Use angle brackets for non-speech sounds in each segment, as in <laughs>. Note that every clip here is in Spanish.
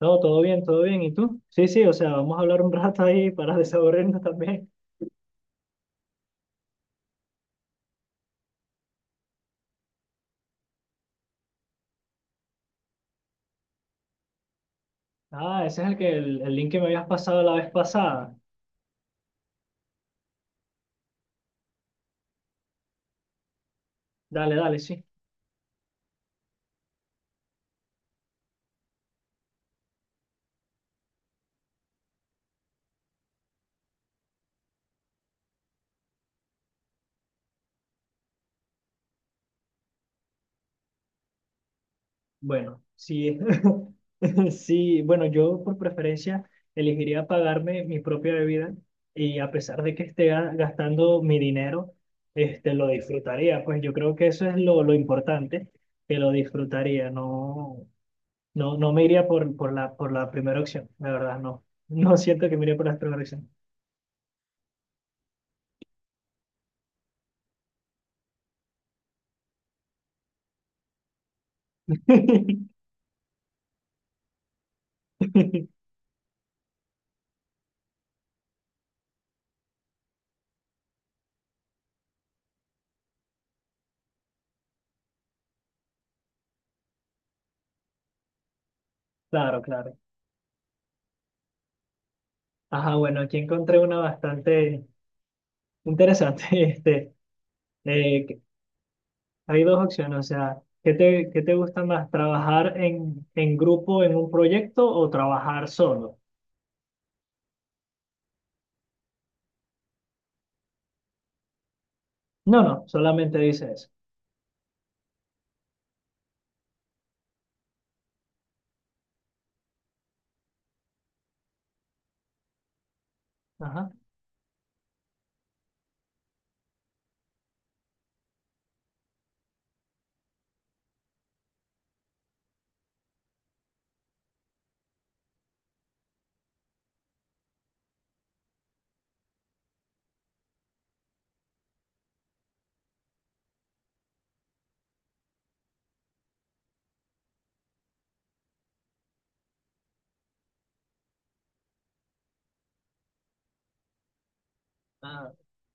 No, todo bien, todo bien. ¿Y tú? Sí, sí, o sea, vamos a hablar un rato ahí para <laughs> desaburrirnos también. Ah, ese es el que el link que me habías pasado la vez pasada. Dale, dale, sí. Bueno, sí, <laughs> sí, bueno, yo por preferencia elegiría pagarme mi propia bebida y a pesar de que esté gastando mi dinero, lo disfrutaría. Pues yo creo que eso es lo importante, que lo disfrutaría. No, no, no me iría por la primera opción, la verdad, no. No siento que me iría por la primera opción. <laughs> Claro, claro. Ajá, bueno, aquí encontré una bastante interesante. <laughs> Eh, que- Hay dos opciones, o sea, qué te gusta más? ¿Trabajar en grupo en un proyecto o trabajar solo? No, no, solamente dice eso. Ajá. Ah,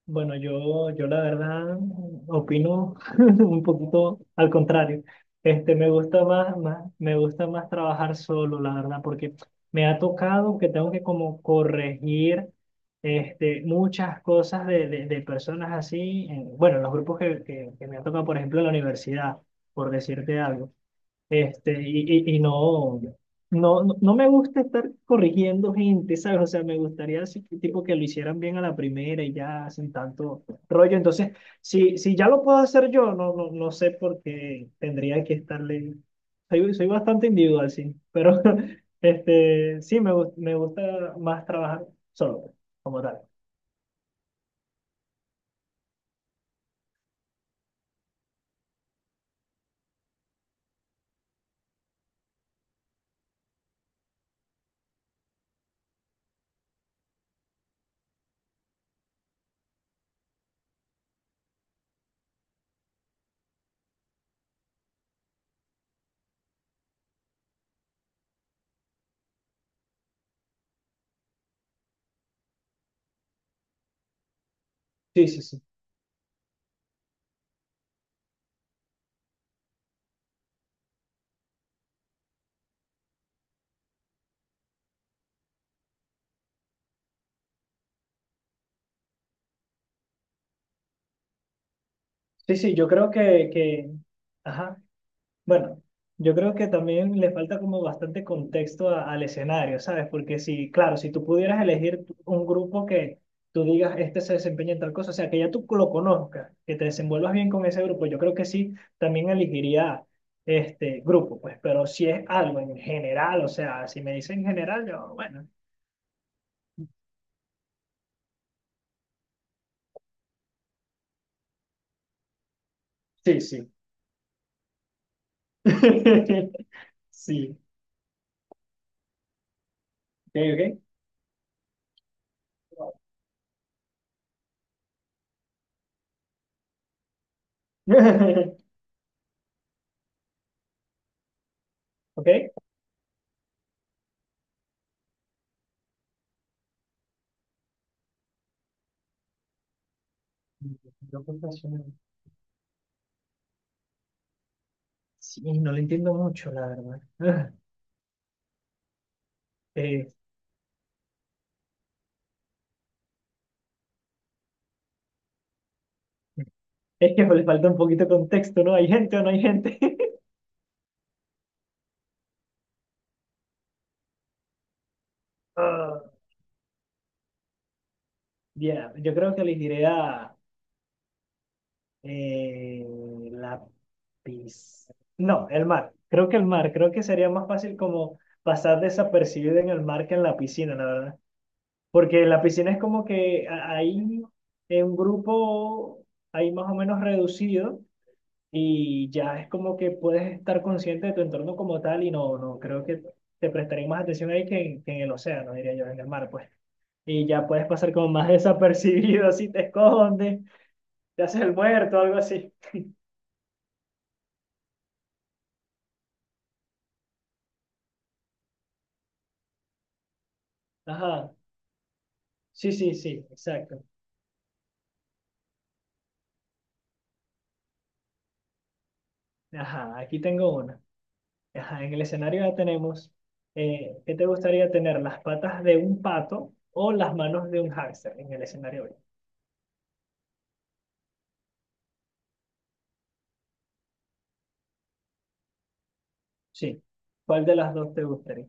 bueno, yo la verdad opino <laughs> un poquito al contrario. Me gusta más, más, me gusta más trabajar solo, la verdad, porque me ha tocado que tengo que como corregir muchas cosas de personas así, bueno, en los grupos que me ha tocado, por ejemplo, en la universidad, por decirte algo. Este, y, y, y no, no me gusta estar corrigiendo gente, ¿sabes? O sea, me gustaría así que, tipo que lo hicieran bien a la primera y ya sin tanto rollo. Entonces, si, si ya lo puedo hacer yo, no, no, no sé por qué tendría que estarle. Soy, soy bastante individual, sí, pero <laughs> sí, me gusta más trabajar solo, como tal. Sí, sí, sí. Sí, sí, yo creo ajá. Bueno, yo creo que también le falta como bastante contexto al escenario, ¿sabes? Porque si, claro, si tú pudieras elegir un grupo que tú digas, este se desempeña en tal cosa, o sea, que ya tú lo conozcas, que te desenvuelvas bien con ese grupo, yo creo que sí, también elegiría este grupo, pues, pero si es algo en general, o sea, si me dicen en general, yo, bueno, sí, sí. <laughs> Sí, ok, ok. <laughs> Ok. Yo profesional. Sí, no lo entiendo mucho, la verdad. <laughs> Eh, es que le falta un poquito de contexto, ¿no? ¿Hay gente o no hay gente? <laughs> Ah, ya, yo creo que elegiré eh, la pis- no, el mar. Creo que el mar. Creo que sería más fácil como pasar desapercibido en el mar que en la piscina, la verdad. Porque en la piscina es como que ahí en un grupo, ahí más o menos reducido. Y ya es como que puedes estar consciente de tu entorno como tal y no, no, creo que te prestaré más atención ahí que en el océano, diría yo, en el mar, pues. Y ya puedes pasar como más desapercibido <laughs> si te escondes, te haces el muerto, algo así. Ajá, sí, sí, sí, exacto. Ajá, aquí tengo una. Ajá, en el escenario ya tenemos, ¿qué te gustaría tener? ¿Las patas de un pato o las manos de un hámster en el escenario hoy? Sí, ¿cuál de las dos te gustaría?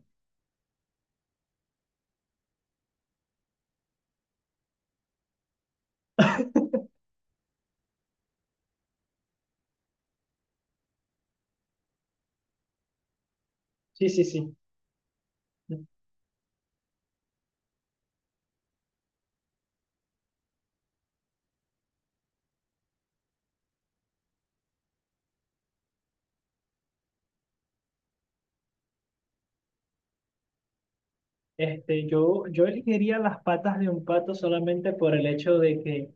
Sí, sí, sí. Yo elegiría las patas de un pato solamente por el hecho de que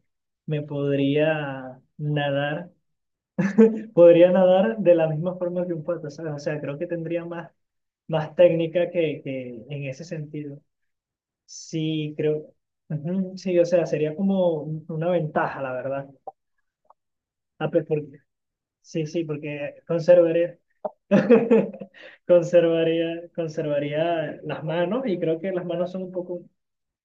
me podría nadar de la misma forma que un pato, ¿sabes? O sea, creo que tendría más, más técnica que en ese sentido. Sí, creo, ujú, sí, o sea, sería como una ventaja, la verdad. Ah, pues, porque, sí, sí, porque conservaría, <laughs> conservaría, conservaría las manos y creo que las manos son un poco. O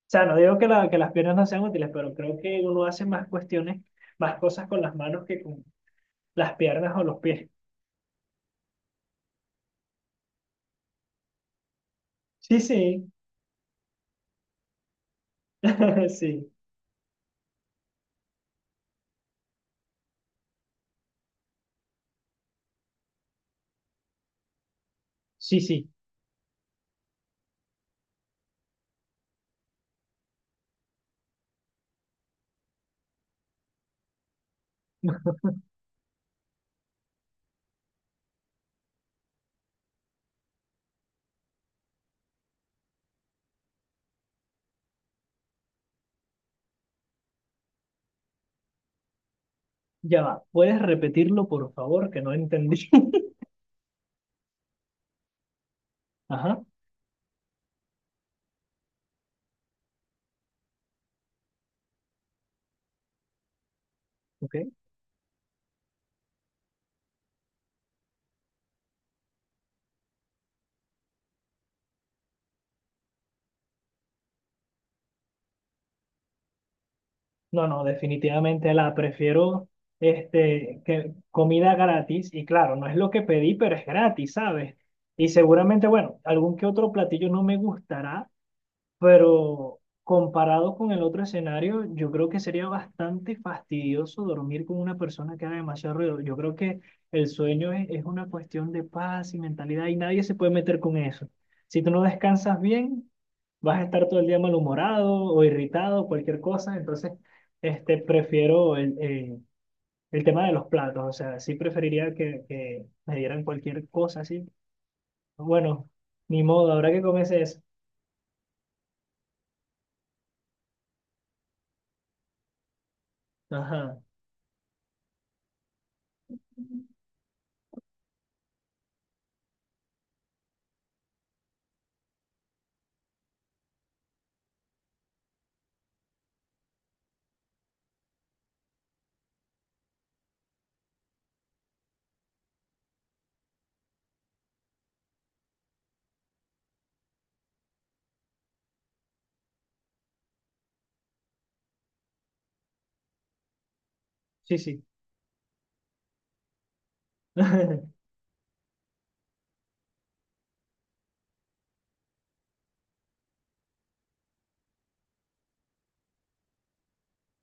sea, no digo que, que las piernas no sean útiles, pero creo que uno hace más cuestiones, más cosas con las manos que con las piernas o los pies. Sí, sí, <laughs> sí, sí, sí. Ya va. ¿Puedes repetirlo, por favor? Que no entendí. <laughs> Ajá, ok. No, no, definitivamente la prefiero, que comida gratis. Y claro, no es lo que pedí, pero es gratis, ¿sabes? Y seguramente, bueno, algún que otro platillo no me gustará, pero comparado con el otro escenario, yo creo que sería bastante fastidioso dormir con una persona que haga demasiado ruido. Yo creo que el sueño es una cuestión de paz y mentalidad y nadie se puede meter con eso. Si tú no descansas bien, vas a estar todo el día malhumorado o irritado, cualquier cosa. Entonces, prefiero el tema de los platos. O sea, sí preferiría que me dieran cualquier cosa así. Bueno, ni modo, habrá que comerse eso. Ajá, sí, sí. <laughs>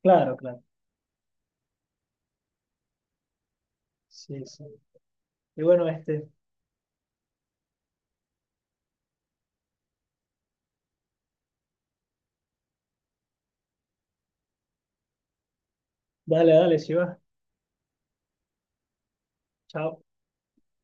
Claro, claro. Sí, sí. Y bueno, dale, dale, si va. Chao.